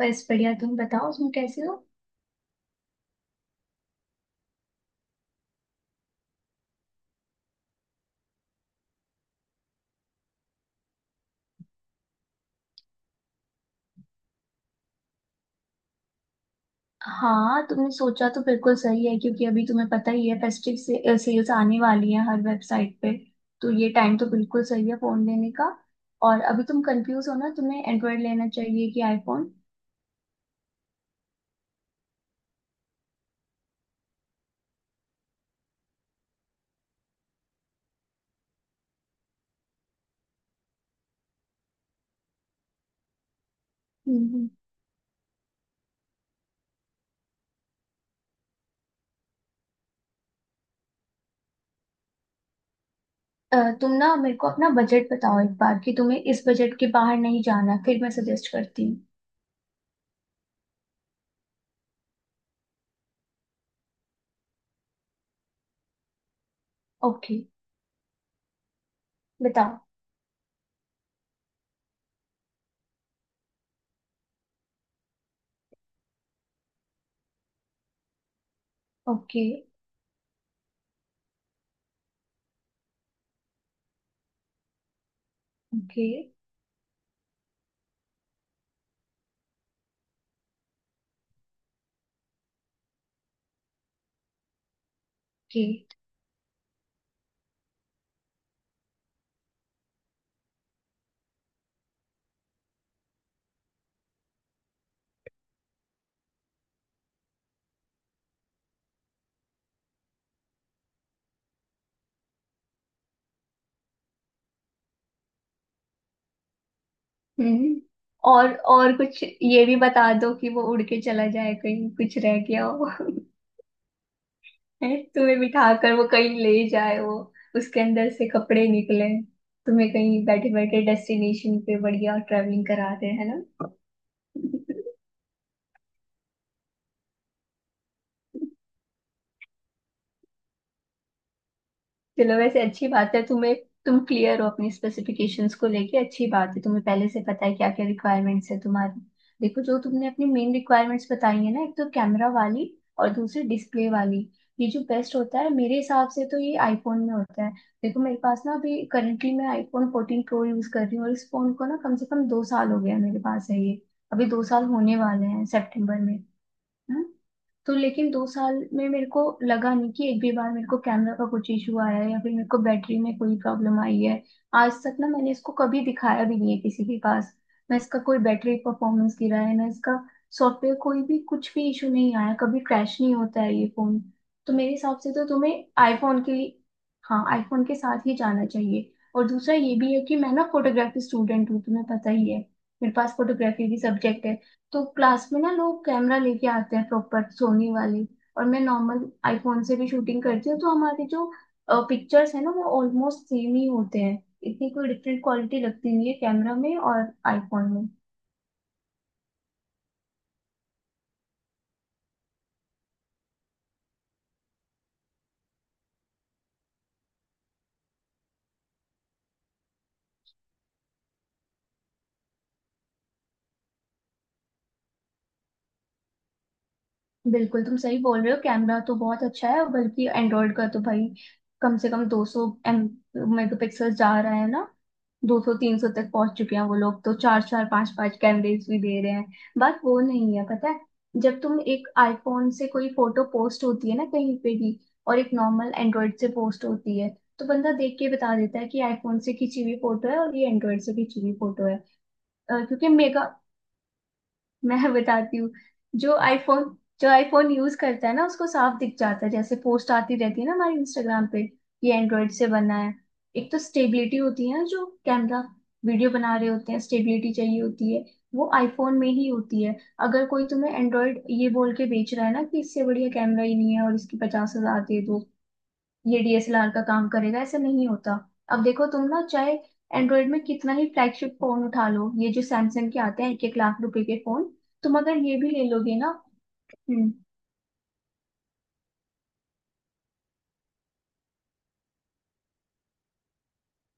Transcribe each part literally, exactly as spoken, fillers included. बस बढ़िया। तुम बताओ उसमें कैसे हो? हाँ, तुमने सोचा तो बिल्कुल सही है क्योंकि अभी तुम्हें पता ही है, फेस्टिव से, सेल्स आने वाली है हर वेबसाइट पे। तो ये टाइम तो बिल्कुल सही है फोन लेने का। और अभी तुम कंफ्यूज हो ना, तुम्हें एंड्रॉयड लेना चाहिए कि आईफोन। हम्म। अ, तुम ना मेरे को अपना बजट बताओ एक बार कि तुम्हें इस बजट के बाहर नहीं जाना, फिर मैं सजेस्ट करती हूँ। ओके। बताओ। ओके। ओके। ओके। हम्म। और और कुछ ये भी बता दो कि वो उड़ के चला जाए, कहीं कुछ रह गया हो। हैं? तुम्हें बिठा कर वो कहीं ले जाए, वो उसके अंदर से कपड़े निकले, तुम्हें कहीं बैठे बैठे डेस्टिनेशन पे बढ़िया ट्रैवलिंग करा दे, है ना। चलो, वैसे अच्छी बात है तुम्हें, तुम क्लियर हो अपनी स्पेसिफिकेशंस को लेके। अच्छी बात है, तुम्हें पहले से पता है क्या क्या रिक्वायरमेंट्स है तुम्हारी। देखो, जो तुमने अपनी मेन रिक्वायरमेंट्स बताई है ना, एक तो कैमरा वाली और दूसरी डिस्प्ले वाली, ये जो बेस्ट होता है मेरे हिसाब से तो ये आईफोन में होता है। देखो, मेरे पास ना अभी करंटली मैं आईफोन फोर्टीन प्रो यूज कर रही हूँ, और इस फोन को ना कम से कम दो साल हो गया, मेरे पास है ये। अभी दो साल होने वाले हैं सेप्टेम्बर में। हैं? तो लेकिन दो साल में मेरे को लगा नहीं कि एक भी बार मेरे को कैमरा का कुछ इशू आया है या फिर मेरे को बैटरी में कोई प्रॉब्लम आई है। आज तक ना मैंने इसको कभी दिखाया भी नहीं है किसी के पास। ना इसका कोई बैटरी परफॉर्मेंस गिरा है, ना इसका सॉफ्टवेयर, कोई भी कुछ भी इशू नहीं आया, कभी क्रैश नहीं होता है ये फोन। तो मेरे हिसाब से तो तुम्हें आईफोन के लिए, हाँ, आईफोन के साथ ही जाना चाहिए। और दूसरा ये भी है कि मैं ना फोटोग्राफी स्टूडेंट हूँ, तुम्हें पता ही है। मेरे पास फोटोग्राफी की सब्जेक्ट है। तो क्लास में ना लोग कैमरा लेके आते हैं प्रॉपर सोनी वाली। और मैं नॉर्मल आईफोन से भी शूटिंग करती हूँ, तो हमारी जो पिक्चर्स है ना वो ऑलमोस्ट सेम ही होते हैं। इतनी कोई डिफरेंट क्वालिटी लगती नहीं है कैमरा में और आईफोन में। बिल्कुल, तुम सही बोल रहे हो, कैमरा तो बहुत अच्छा है और बल्कि एंड्रॉइड का तो भाई कम से कम दो सौ एम मेगापिक्सल जा रहा है ना, दो सौ तीन सौ तक पहुंच चुके हैं वो लोग, तो चार चार पांच पांच कैमरेज भी दे रहे हैं। बात वो नहीं है, पता है। जब तुम एक आईफोन से कोई फोटो पोस्ट होती है ना कहीं पे भी, और एक नॉर्मल एंड्रॉइड से पोस्ट होती है, तो बंदा देख के बता देता है कि आईफोन से खींची हुई फोटो है और ये एंड्रॉइड से खींची हुई फोटो है। अ, क्योंकि मेगा मैं बताती हूँ। जो आईफोन जो आईफोन यूज करता है ना उसको साफ दिख जाता है, जैसे पोस्ट आती रहती है ना हमारे इंस्टाग्राम पे, ये एंड्रॉइड से बना है। एक तो स्टेबिलिटी होती है ना, जो कैमरा वीडियो बना रहे होते हैं स्टेबिलिटी चाहिए होती है, वो आईफोन में ही होती है। अगर कोई तुम्हें एंड्रॉइड ये बोल के बेच रहा है ना कि इससे बढ़िया कैमरा ही नहीं है और इसकी पचास हजार दे दो, ये डीएसएलआर का काम करेगा, ऐसा नहीं होता। अब देखो, तुम ना चाहे एंड्रॉइड में कितना ही फ्लैगशिप फोन उठा लो, ये जो सैमसंग के आते हैं एक एक लाख रुपए के फोन, तुम अगर ये भी ले लोगे ना। हम्म।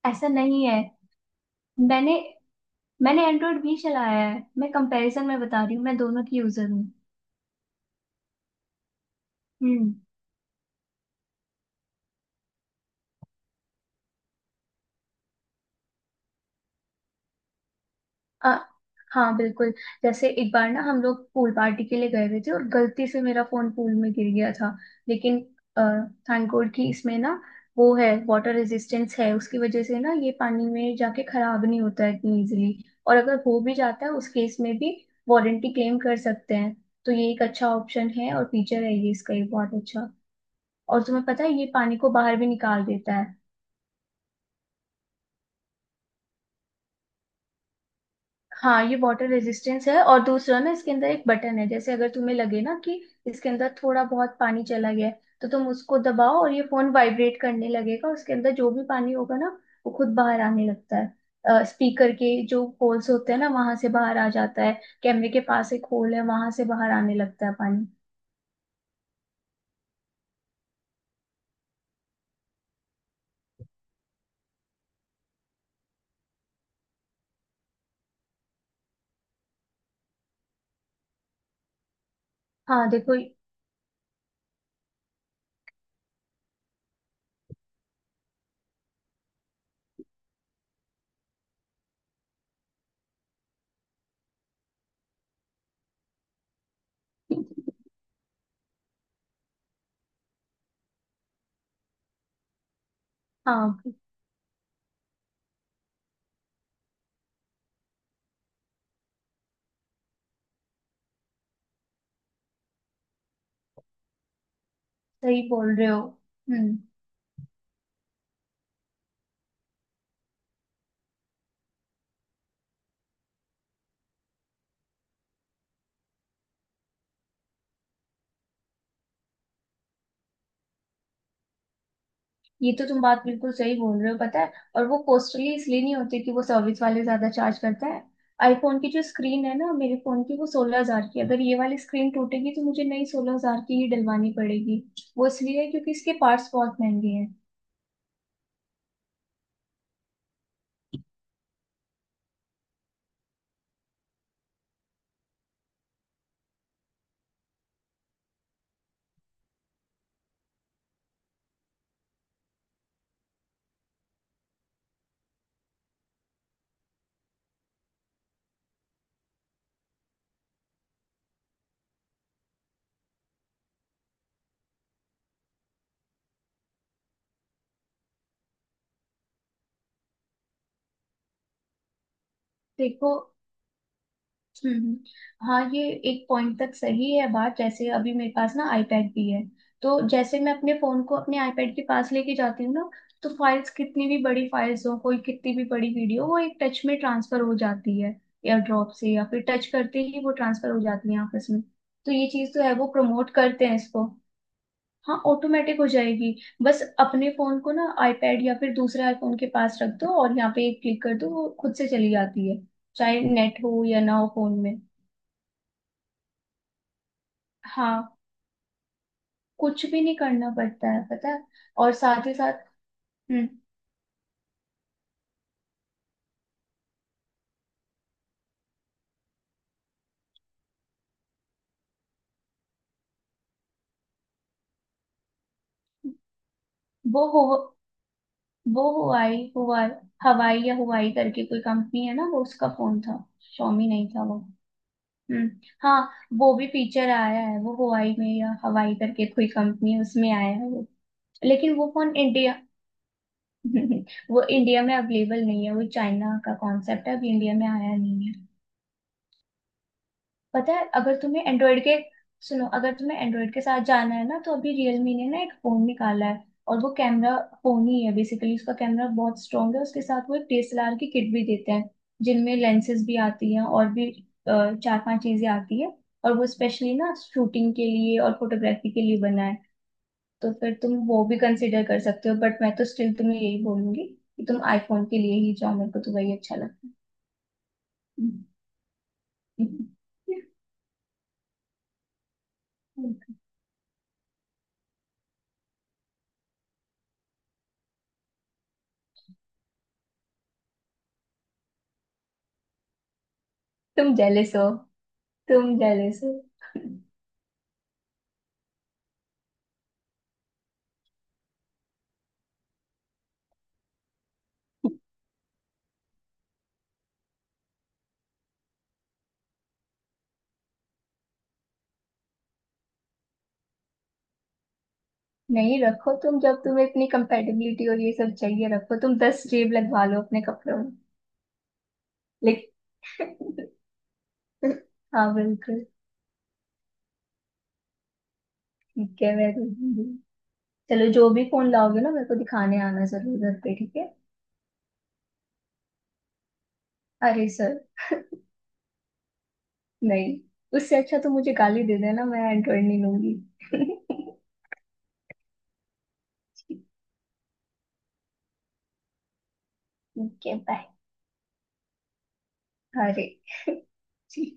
ऐसा नहीं है। मैंने मैंने एंड्रॉइड भी चलाया है, मैं कंपैरिजन में बता रही हूँ, मैं दोनों की यूजर हूँ। हम्म। आ, हाँ, बिल्कुल। जैसे एक बार ना हम लोग पूल पार्टी के लिए गए हुए थे, और गलती से मेरा फोन पूल में गिर गया था। लेकिन थैंक गॉड कि इसमें ना, वो है, वाटर रेजिस्टेंस है, उसकी वजह से ना ये पानी में जाके खराब नहीं होता है इतनी इजीली। और अगर हो भी जाता है उस केस में भी वारंटी क्लेम कर सकते हैं। तो ये एक अच्छा ऑप्शन है और फीचर है ये इसका, ये बहुत अच्छा। और तुम्हें पता है, ये पानी को बाहर भी निकाल देता है। हाँ, ये वाटर रेजिस्टेंस है, और दूसरा ना इसके अंदर एक बटन है, जैसे अगर तुम्हें लगे ना कि इसके अंदर थोड़ा बहुत पानी चला गया है, तो तुम उसको दबाओ और ये फोन वाइब्रेट करने लगेगा, उसके अंदर जो भी पानी होगा ना वो खुद बाहर आने लगता है, स्पीकर के जो होल्स होते हैं ना वहां से बाहर आ जाता है, कैमरे के पास एक होल है वहां से बाहर आने लगता है पानी। हाँ। देखो। हाँ, सही बोल रहे हो। हम्म। ये तो तुम बात बिल्कुल सही बोल रहे हो, पता है, और वो कॉस्टली इसलिए नहीं होती कि वो सर्विस वाले ज्यादा चार्ज करता है। आईफोन की जो स्क्रीन है ना मेरे फोन की, वो सोलह हजार की है। अगर ये वाली स्क्रीन टूटेगी तो मुझे नई सोलह हजार की ही डलवानी पड़ेगी। वो इसलिए है क्योंकि इसके पार्ट्स बहुत महंगे हैं। देखो। हम्म। हाँ, ये एक पॉइंट तक सही है बात, जैसे अभी मेरे पास ना आईपैड भी है, तो जैसे मैं अपने फोन को अपने आईपैड के पास लेके जाती हूँ ना, तो फाइल्स कितनी भी बड़ी फाइल्स हो, कोई कितनी भी बड़ी वीडियो, वो एक टच में ट्रांसफर हो जाती है, या ड्रॉप से या फिर टच करते ही वो ट्रांसफर हो जाती है आपस में। तो ये चीज तो है, वो प्रमोट करते हैं इसको। हाँ, ऑटोमेटिक हो जाएगी। बस अपने फोन को ना आईपैड या फिर दूसरे आईफोन के पास रख दो, और यहाँ पे एक क्लिक कर दो, वो खुद से चली जाती है, चाहे नेट हो या ना हो फोन में। हाँ। कुछ भी नहीं करना पड़ता है, पता है, और साथ ही साथ, हम्म। वो हो वो हुआई हुआ। हवाई या हुआई करके कोई कंपनी है ना, वो, उसका फोन था। शॉमी नहीं था वो। हम्म। हाँ। वो भी फीचर आया है, वो हुआई में या हवाई करके कोई कंपनी है, उसमें आया है वो। लेकिन वो फोन इंडिया। वो इंडिया में अवेलेबल नहीं है, वो चाइना का कॉन्सेप्ट है, अभी इंडिया में आया नहीं है। पता है। अगर तुम्हें एंड्रॉइड के सुनो, अगर तुम्हें एंड्रॉइड के साथ जाना है ना तो अभी रियलमी ने ना एक फोन निकाला है, और वो कैमरा फोन ही है बेसिकली, उसका कैमरा बहुत स्ट्रांग है, उसके साथ वो एक डीएसएलआर की किट भी देते हैं, जिनमें लेंसेज भी आती हैं, और भी अ, चार पांच चीजें आती है। और वो स्पेशली ना शूटिंग के लिए और फोटोग्राफी के लिए बना है। तो फिर तुम वो भी कंसिडर कर सकते हो, बट मैं तो स्टिल तुम्हें यही बोलूंगी कि तुम आईफोन के लिए ही जाओ, मेरे को तो वही अच्छा लगता है। तुम जेलस हो। तुम जेलस हो। नहीं, रखो, तुम जब तुम्हें इतनी कंपेटेबिलिटी और ये सब चाहिए, रखो तुम दस जेब लगवा लो अपने कपड़ों में। लेकिन। हाँ, बिल्कुल। ठीक है, मैं दे दूंगी। चलो, जो भी फोन लाओगे ना, मेरे को दिखाने आना जरूर घर पे, ठीक है। अरे सर। नहीं। उससे अच्छा तो मुझे गाली दे देना, मैं एंड्रॉइड नहीं लूंगी। ठीक है, बाय। अरे। ठीक।